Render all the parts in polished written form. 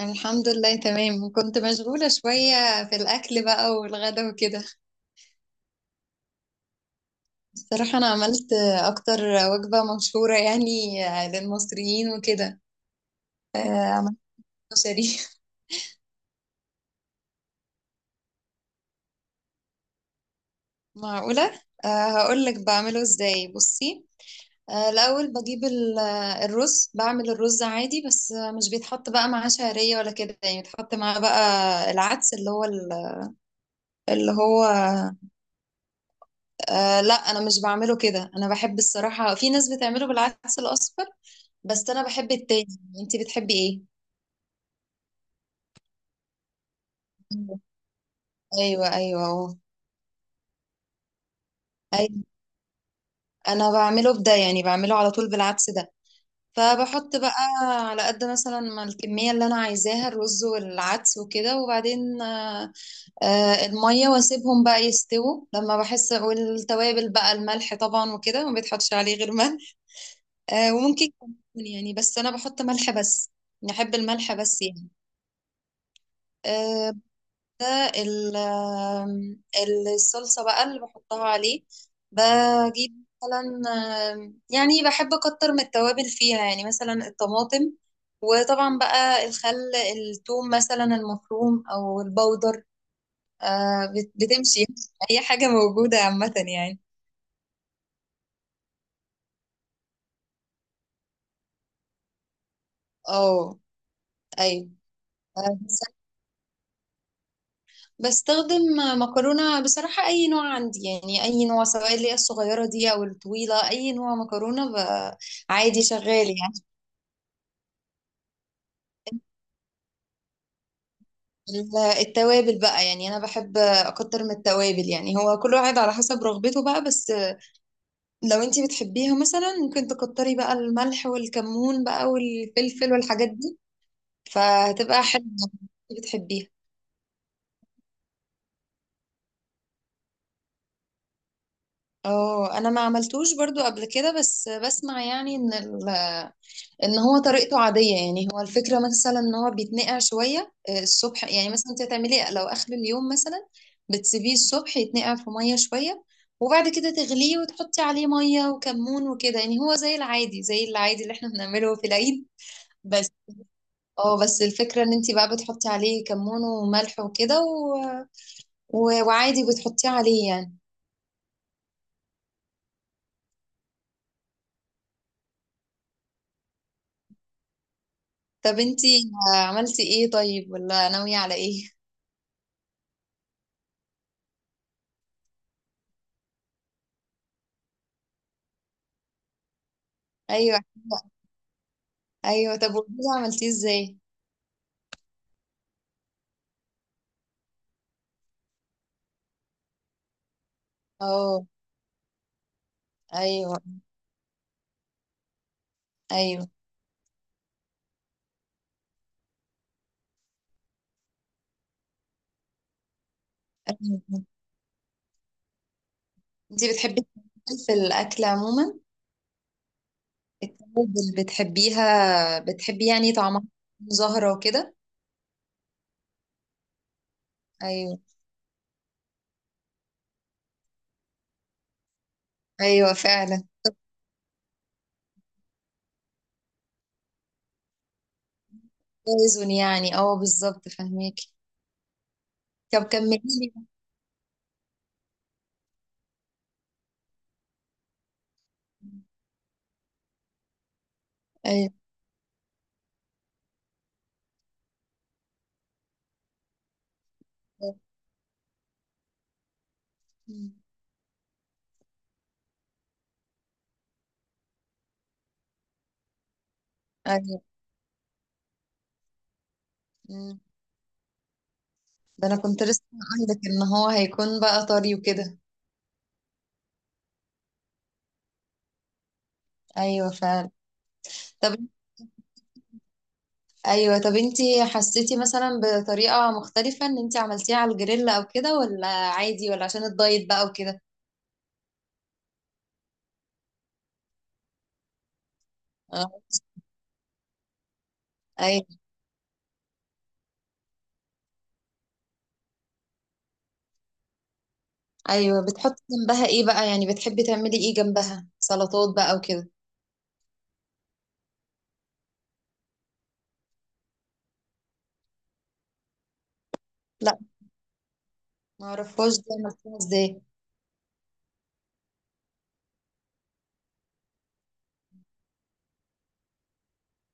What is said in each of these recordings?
الحمد لله، تمام. كنت مشغولة شوية في الأكل بقى والغدا وكده. بصراحة أنا عملت أكتر وجبة مشهورة يعني، للمصريين وكده. عملت كشري. معقولة، هقولك بعمله إزاي بصي. الأول بجيب الرز، بعمل الرز عادي، بس مش بيتحط بقى معاه شعرية ولا كده، يعني بيتحط معاه بقى العدس اللي هو اللي هو آه لا، أنا مش بعمله كده. أنا بحب الصراحة، في ناس بتعمله بالعدس الأصفر بس انا بحب التاني. انتي بتحبي ايه؟ ايوه ايوه اهو. ايوه. انا بعمله بده، يعني بعمله على طول بالعدس ده. فبحط بقى على قد مثلا ما الكميه اللي انا عايزاها الرز والعدس وكده، وبعدين الميه، واسيبهم بقى يستووا لما بحس، والتوابل بقى الملح طبعا وكده، ما بيتحطش عليه غير ملح. وممكن كمون يعني، بس انا بحط ملح بس. نحب الملح بس يعني. آه، ده ال- آم، الصلصة بقى اللي بحطها عليه. بجيب مثلا يعني بحب أكتر من التوابل فيها، يعني مثلا الطماطم، وطبعا بقى الخل، الثوم مثلا المفروم أو البودر. بتمشي أي حاجة موجودة، عامة يعني. اه. أيوة. آه، بس- بستخدم مكرونة بصراحة، أي نوع عندي يعني، أي نوع سواء اللي هي الصغيرة دي أو الطويلة، أي نوع مكرونة عادي، شغال يعني. التوابل بقى، يعني انا بحب اكتر من التوابل يعني، هو كل واحد على حسب رغبته بقى بس. لو انتي بتحبيها مثلا ممكن تكتري بقى الملح والكمون بقى والفلفل والحاجات دي، فهتبقى حلوة لو انتي بتحبيها. اه، انا ما عملتوش برضو قبل كده، بس بسمع يعني ان ان هو طريقته عادية يعني. هو الفكرة مثلا ان هو بيتنقع شوية الصبح، يعني مثلا انت هتعملي إيه؟ لو اخر اليوم مثلا، بتسيبيه الصبح يتنقع في مية شوية، وبعد كده تغليه وتحطي عليه مية وكمون وكده، يعني هو زي العادي، زي العادي اللي احنا بنعمله في العيد. بس اه، بس الفكرة ان انت بقى بتحطي عليه كمون وملح وكده و... وعادي بتحطيه عليه يعني. طب انت عملتي ايه طيب، ولا ناوية على ايه؟ ايوه ايوه. طب وده عملتيه ازاي؟ اه. ايوه. ايوه. انتي بتحبي التوابل في الاكل عموما؟ التوابل بتحبيها، بتحبي يعني طعمها زهرة وكده؟ ايوه. ايوه فعلا. توازن يعني، اه بالظبط، فهميكي. طب كملي لي. ايوه. مم. ايوه. مم. ده انا كنت لسه عندك ان هو هيكون بقى طري وكده. ايوه فعلا. طب. ايوه، طب انتي حسيتي مثلا بطريقه مختلفه ان انتي عملتيها على الجريل او كده، ولا عادي، ولا عشان الدايت بقى؟ وكده. ايوه. ايوه، بتحطي جنبها ايه بقى، يعني بتحبي تعملي ايه جنبها، سلطات بقى وكده؟ لا، ما اعرفهاش دي، عملتيها ازاي؟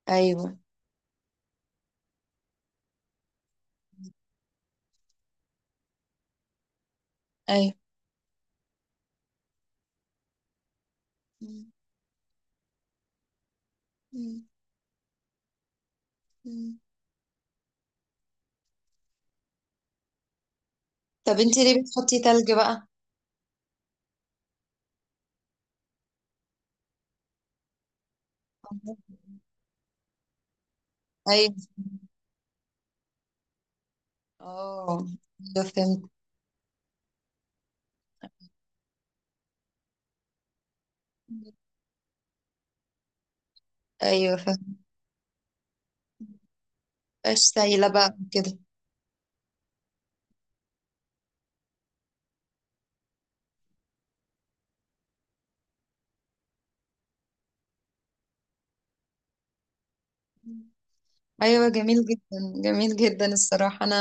ايوه. ايوه. مم. مم. مم. طب انتي ليه بتحطي تلج بقى؟ ايوه. اه. ايوه فهمت. ايوه فهمت، مبقاش سايله بقى كده. ايوه جميل جدا. جميل جدا الصراحه، انا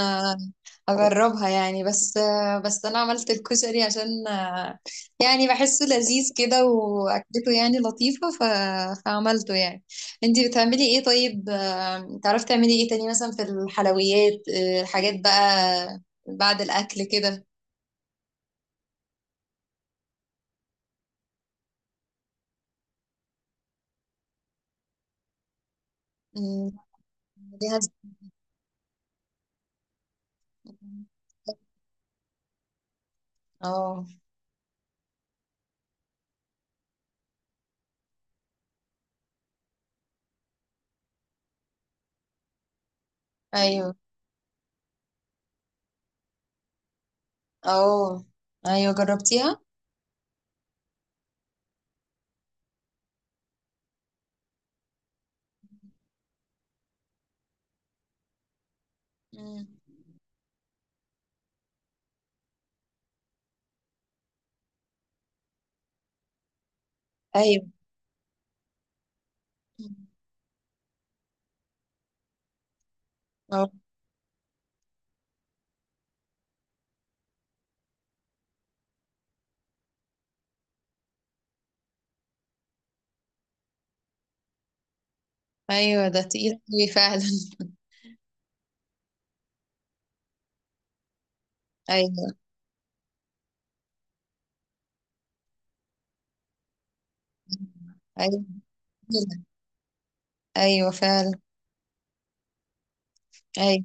اجربها يعني. بس، بس انا عملت الكشري عشان، يعني بحسه لذيذ كده، واكلته يعني لطيفه فعملته يعني. انتي بتعملي ايه طيب، تعرفي تعملي ايه تاني مثلا في الحلويات، الحاجات بقى بعد الاكل كده؟ أمم، ليها اه. ايوه. اه، ايوه جربتيها؟ أمم. ايوه. أمم. اه. ايوه، ده تقيل أوي فعلا. أيوه. أيوه فعلا. أيوه فعلا. أيوه.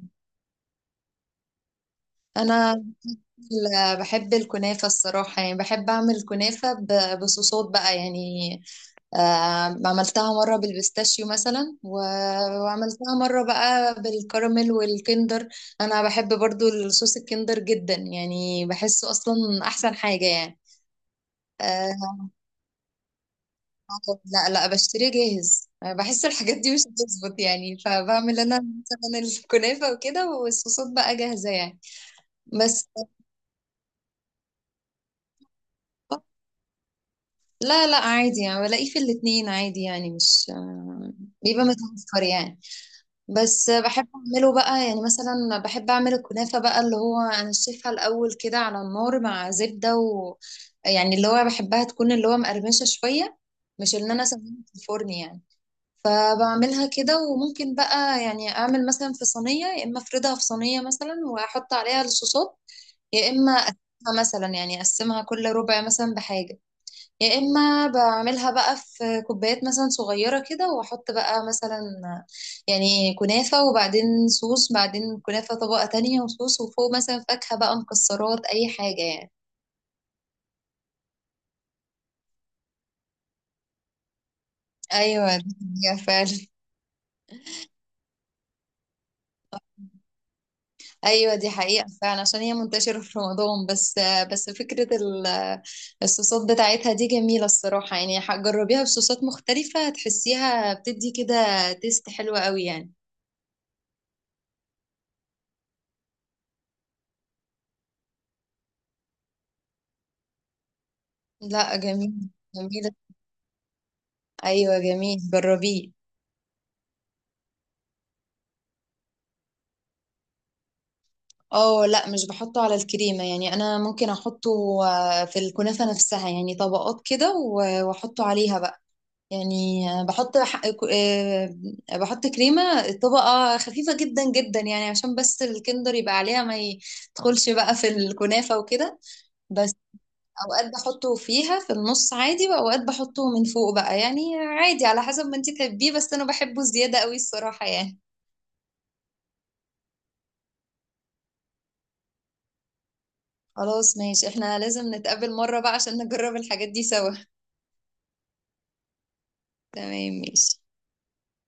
أنا بحب الكنافة الصراحة، يعني بحب أعمل كنافة بصوصات بقى يعني. عملتها مرة بالبيستاشيو مثلا وعملتها مرة بقى بالكراميل والكندر. أنا بحب برضو الصوص الكندر جدا يعني، بحسه أصلا أحسن حاجة يعني. آه، لا لا، بشتريه جاهز، بحس الحاجات دي مش بتظبط يعني، فبعمل أنا مثلا الكنافة وكده والصوصات بقى جاهزة يعني. بس. لا لا عادي يعني، بلاقيه في الاتنين عادي يعني، مش، بيبقى متوفر يعني. بس بحب اعمله بقى يعني مثلا، بحب اعمل الكنافة بقى اللي هو انا شايفها الاول كده على النار مع زبدة و... يعني اللي هو بحبها تكون اللي هو مقرمشة شوية، مش ان انا اسويها في الفرن يعني. فبعملها كده، وممكن بقى يعني اعمل مثلا في صينية، يا اما افردها في صينية مثلا واحط عليها الصوصات، يا اما اقسمها مثلا، يعني اقسمها كل ربع مثلا بحاجة، يا اما بعملها بقى في كوبايات مثلا صغيره كده، واحط بقى مثلا يعني كنافه، وبعدين صوص، بعدين كنافه طبقه تانية وصوص، وفوق مثلا فاكهه بقى، مكسرات، اي حاجه يعني. ايوه دي حقيقة فعلا. ايوه دي حقيقه فعلا، عشان هي منتشره في رمضان بس. بس فكره الصوصات بتاعتها دي جميله الصراحه يعني، جربيها بصوصات مختلفه، هتحسيها بتدي كده تيست حلوه قوي يعني. لا جميل. جميل. ايوه جميل، جربيه. اه لا، مش بحطه على الكريمة يعني، انا ممكن احطه في الكنافة نفسها يعني، طبقات كده واحطه عليها بقى يعني، آه، بحط ح- آه، بحط كريمة طبقة خفيفة جدا جدا يعني، عشان بس الكندر يبقى عليها ما يدخلش بقى في الكنافة وكده. بس اوقات بحطه فيها في النص عادي، واوقات بحطه من فوق بقى، يعني عادي على حسب ما انتي تحبيه، بس انا بحبه زيادة قوي الصراحة يعني. خلاص ماشي، احنا لازم نتقابل مرة بقى عشان نجرب الحاجات دي سوا. تمام ماشي.